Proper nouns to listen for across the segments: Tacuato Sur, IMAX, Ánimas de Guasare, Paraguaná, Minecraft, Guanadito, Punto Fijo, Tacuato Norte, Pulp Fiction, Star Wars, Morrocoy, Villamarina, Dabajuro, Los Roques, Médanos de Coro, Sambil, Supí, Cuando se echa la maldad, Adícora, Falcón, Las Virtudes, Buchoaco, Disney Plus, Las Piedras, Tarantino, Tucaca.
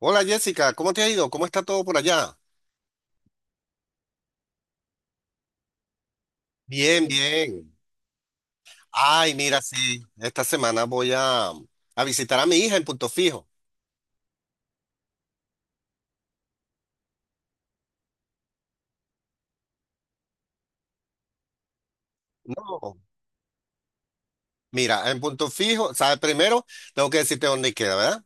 Hola Jessica, ¿cómo te ha ido? ¿Cómo está todo por allá? Bien, bien. Ay, mira, sí, esta semana voy a visitar a mi hija en Punto Fijo. No, mira, en Punto Fijo, ¿sabes? Primero tengo que decirte dónde queda, ¿verdad?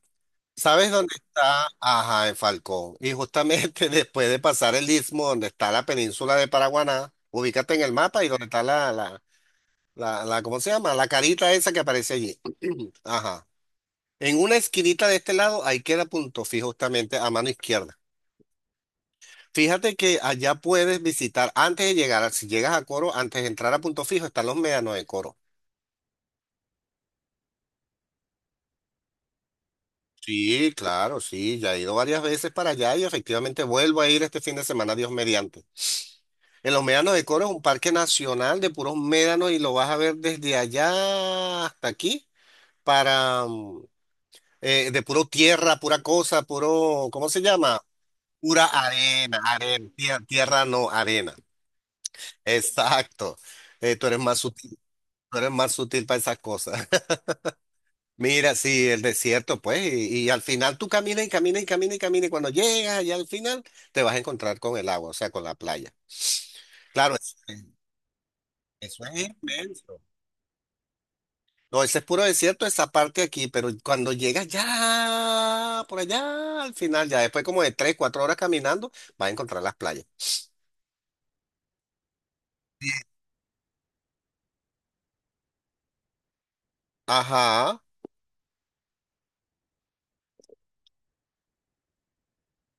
¿Sabes dónde está? Ajá, en Falcón. Y justamente después de pasar el istmo, donde está la península de Paraguaná, ubícate en el mapa y donde está la, ¿cómo se llama? La carita esa que aparece allí. Ajá. En una esquinita de este lado, ahí queda Punto Fijo justamente a mano izquierda. Fíjate que allá puedes visitar antes de llegar, si llegas a Coro, antes de entrar a Punto Fijo, están los médanos de Coro. Sí, claro, sí, ya he ido varias veces para allá y efectivamente vuelvo a ir este fin de semana, Dios mediante. En los médanos de Coro es un parque nacional de puros médanos y lo vas a ver desde allá hasta aquí, para de puro tierra, pura cosa, puro, ¿cómo se llama? Pura arena, arena, tierra, tierra no, arena. Exacto. Tú eres más sutil, tú eres más sutil para esas cosas. Mira, sí, el desierto, pues, y al final tú caminas y caminas y caminas y caminas, y cuando llegas allá al final te vas a encontrar con el agua, o sea, con la playa. Claro, eso es inmenso. No, ese es puro desierto, esa parte aquí, pero cuando llegas ya, por allá, al final, ya después como de tres, cuatro horas caminando, vas a encontrar las playas. Ajá,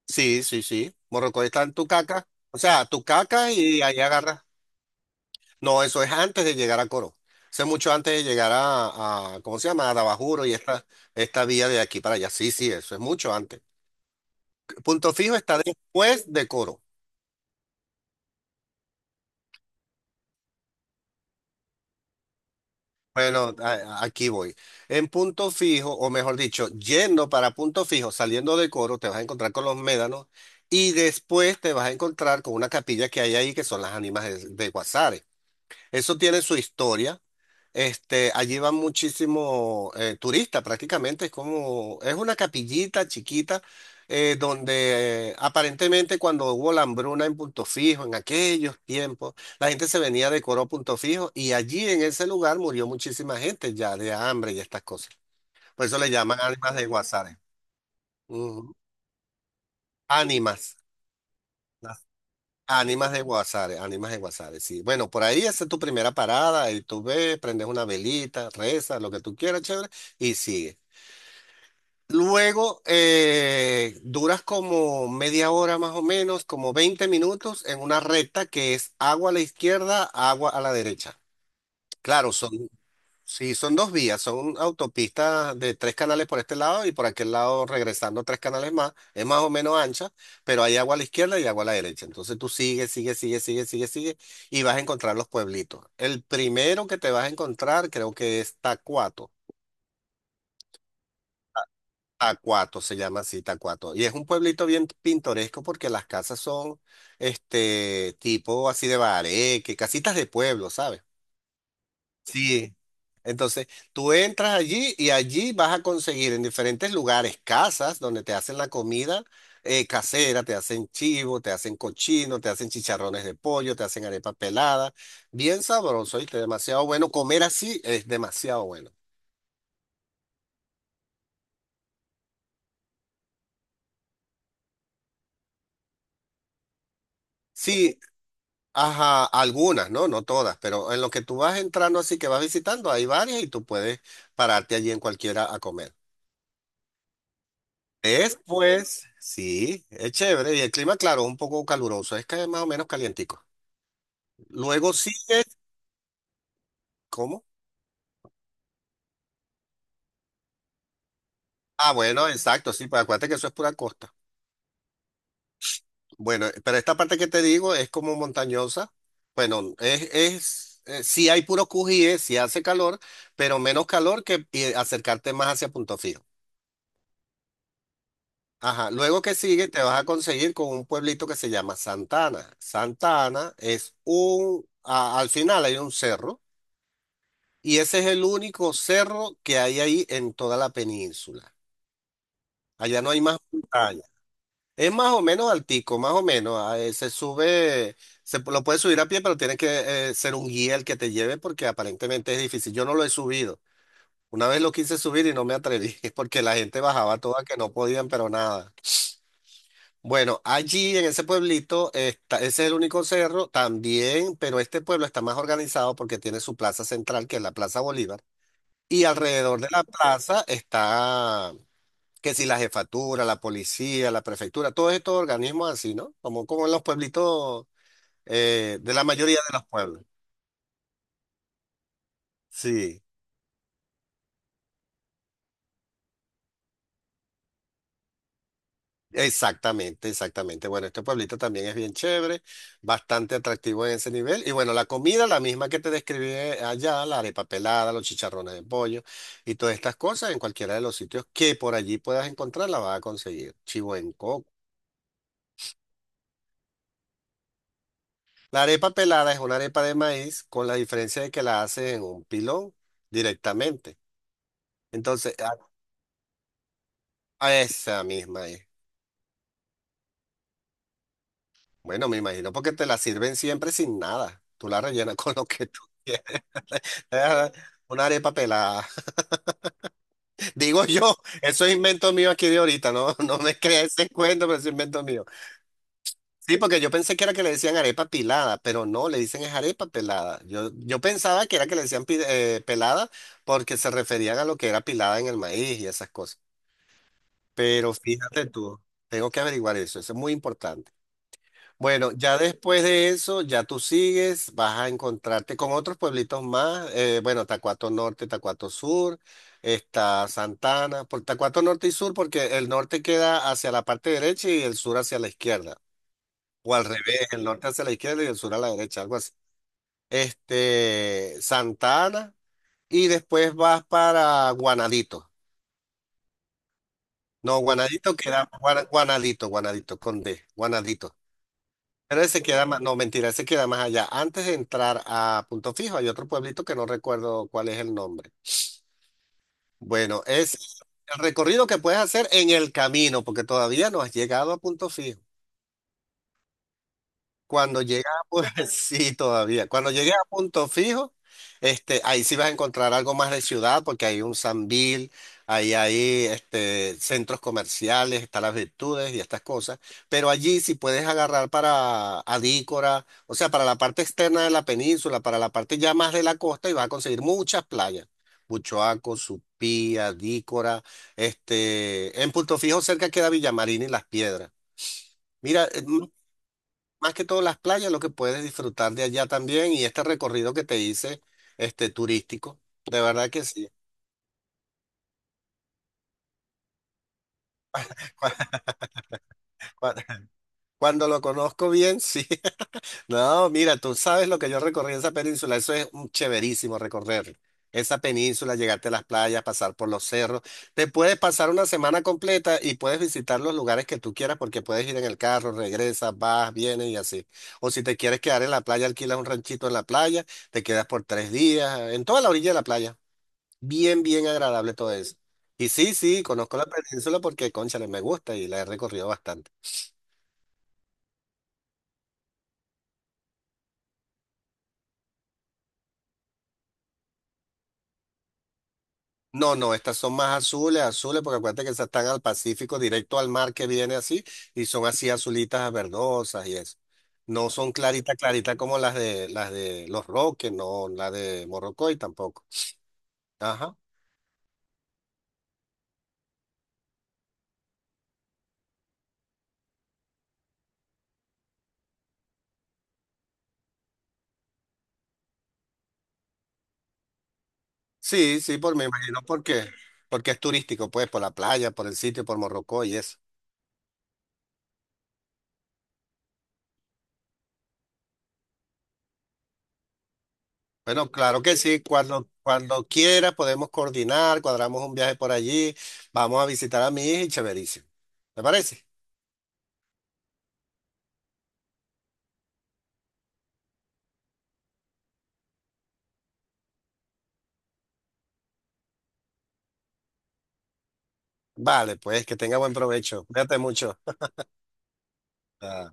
sí, sí, sí. Morrocoy está en Tucaca, o sea, Tucaca y ahí agarras. No, eso es antes de llegar a Coro. Eso es mucho antes de llegar a, ¿cómo se llama? A Dabajuro y esta vía de aquí para allá. Sí, sí, eso es mucho antes. Punto Fijo está después de Coro. Bueno, aquí voy. En Punto Fijo, o mejor dicho, yendo para Punto Fijo, saliendo de Coro, te vas a encontrar con los médanos y después te vas a encontrar con una capilla que hay ahí que son las ánimas de Guasare. Eso tiene su historia. Este, allí van muchísimos turistas, prácticamente es como, es una capillita chiquita, donde aparentemente cuando hubo la hambruna en Punto Fijo, en aquellos tiempos, la gente se venía de Coro a Punto Fijo y allí en ese lugar murió muchísima gente ya de hambre y estas cosas. Por eso le llaman ánimas de Guasare. Ujú. Ánimas. Las ánimas de Guasare, sí. Bueno, por ahí esa es tu primera parada, y tú ves, prendes una velita, rezas, lo que tú quieras, chévere, y sigue. Luego duras como media hora más o menos, como 20 minutos en una recta que es agua a la izquierda, agua a la derecha. Claro, son, sí, son dos vías, son autopistas de tres canales por este lado y por aquel lado regresando tres canales más. Es más o menos ancha, pero hay agua a la izquierda y agua a la derecha. Entonces tú sigues y vas a encontrar los pueblitos. El primero que te vas a encontrar creo que es Tacuato. Tacuato se llama así, Tacuato. Y es un pueblito bien pintoresco porque las casas son este tipo así de bareque, casitas de pueblo, ¿sabes? Sí. Entonces, tú entras allí y allí vas a conseguir en diferentes lugares casas donde te hacen la comida casera, te hacen chivo, te hacen cochino, te hacen chicharrones de pollo, te hacen arepa pelada. Bien sabroso, ¿viste? Demasiado bueno. Comer así es demasiado bueno. Sí, ajá, algunas, ¿no? No todas, pero en lo que tú vas entrando así que vas visitando, hay varias y tú puedes pararte allí en cualquiera a comer. Después, sí, es chévere y el clima, claro, es un poco caluroso, es que es más o menos calientico. Luego sigues, ¿cómo? Ah, bueno, exacto, sí, pues acuérdate que eso es pura costa. Bueno, pero esta parte que te digo es como montañosa. Bueno, sí hay puros cujíes, sí hace calor, pero menos calor que acercarte más hacia Punto Fijo. Ajá, luego que sigue te vas a conseguir con un pueblito que se llama Santana. Santana es un, al final hay un cerro y ese es el único cerro que hay ahí en toda la península. Allá no hay más montaña. Es más o menos altico, más o menos. Se sube, lo puedes subir a pie, pero tiene que ser un guía el que te lleve porque aparentemente es difícil. Yo no lo he subido. Una vez lo quise subir y no me atreví porque la gente bajaba toda que no podían, pero nada. Bueno, allí en ese pueblito, está, ese es el único cerro también, pero este pueblo está más organizado porque tiene su plaza central, que es la Plaza Bolívar, y alrededor de la plaza está, que si la jefatura, la policía, la prefectura, todos estos organismos así, ¿no? Como, como en los pueblitos, de la mayoría de los pueblos. Sí. Exactamente, exactamente. Bueno, este pueblito también es bien chévere, bastante atractivo en ese nivel. Y bueno, la comida, la misma que te describí allá, la arepa pelada, los chicharrones de pollo y todas estas cosas, en cualquiera de los sitios que por allí puedas encontrar, la vas a conseguir. Chivo en coco. La arepa pelada es una arepa de maíz con la diferencia de que la haces en un pilón directamente. Entonces, a esa misma es. Bueno, me imagino porque te la sirven siempre sin nada. Tú la rellenas con lo que tú quieras. Eh, una arepa pelada. Digo yo, eso es invento mío aquí de ahorita, no, no me creas ese cuento, pero es invento mío. Sí, porque yo pensé que era que le decían arepa pilada, pero no, le dicen es arepa pelada. Yo pensaba que era que le decían pelada porque se referían a lo que era pilada en el maíz y esas cosas. Pero fíjate tú, tengo que averiguar eso, eso es muy importante. Bueno, ya después de eso, ya tú sigues, vas a encontrarte con otros pueblitos más. Bueno, Tacuato Norte, Tacuato Sur, está Santana, por Tacuato Norte y Sur, porque el norte queda hacia la parte derecha y el sur hacia la izquierda. O al revés, el norte hacia la izquierda y el sur a la derecha, algo así. Este, Santana, y después vas para Guanadito. No, Guanadito queda, Guanadito, Guanadito, con D, Guanadito. Pero se queda más, no, mentira, se queda más allá. Antes de entrar a Punto Fijo hay otro pueblito que no recuerdo cuál es el nombre. Bueno, es el recorrido que puedes hacer en el camino, porque todavía no has llegado a Punto Fijo. Cuando llegas a pu- sí, todavía. Cuando llegues a Punto Fijo, este, ahí sí vas a encontrar algo más de ciudad, porque hay un Sambil, ahí hay este, centros comerciales, están las Virtudes y estas cosas. Pero allí sí puedes agarrar para Adícora, o sea, para la parte externa de la península, para la parte ya más de la costa, y vas a conseguir muchas playas. Buchoaco, Supí, Adícora, este, en Punto Fijo cerca queda Villamarina y Las Piedras. Mira, más que todo las playas, lo que puedes disfrutar de allá también y este recorrido que te hice, este turístico, de verdad que sí. Cuando, cuando lo conozco bien, sí. No, mira, tú sabes lo que yo recorrí en esa península, eso es un chéverísimo recorrer. Esa península, llegarte a las playas, pasar por los cerros. Te puedes pasar una semana completa y puedes visitar los lugares que tú quieras porque puedes ir en el carro, regresas, vas, vienes y así. O si te quieres quedar en la playa, alquilas un ranchito en la playa, te quedas por 3 días, en toda la orilla de la playa. Bien, bien agradable todo eso. Y sí, sí, conozco la península porque, cónchale, me gusta y la he recorrido bastante. No, no, estas son más azules, azules, porque acuérdate que esas están al Pacífico, directo al mar que viene así, y son así azulitas verdosas y eso. No son claritas, claritas como las de Los Roques, no, la de Morrocoy tampoco. Ajá. Sí, sí, por me imagino porque, porque es turístico, pues, por la playa, por el sitio, por Morrocoy y eso. Bueno, claro que sí, cuando, cuando quiera podemos coordinar, cuadramos un viaje por allí, vamos a visitar a mi hija y chéverísimo. ¿Te parece? Vale, pues que tenga buen provecho. Cuídate mucho. Ah.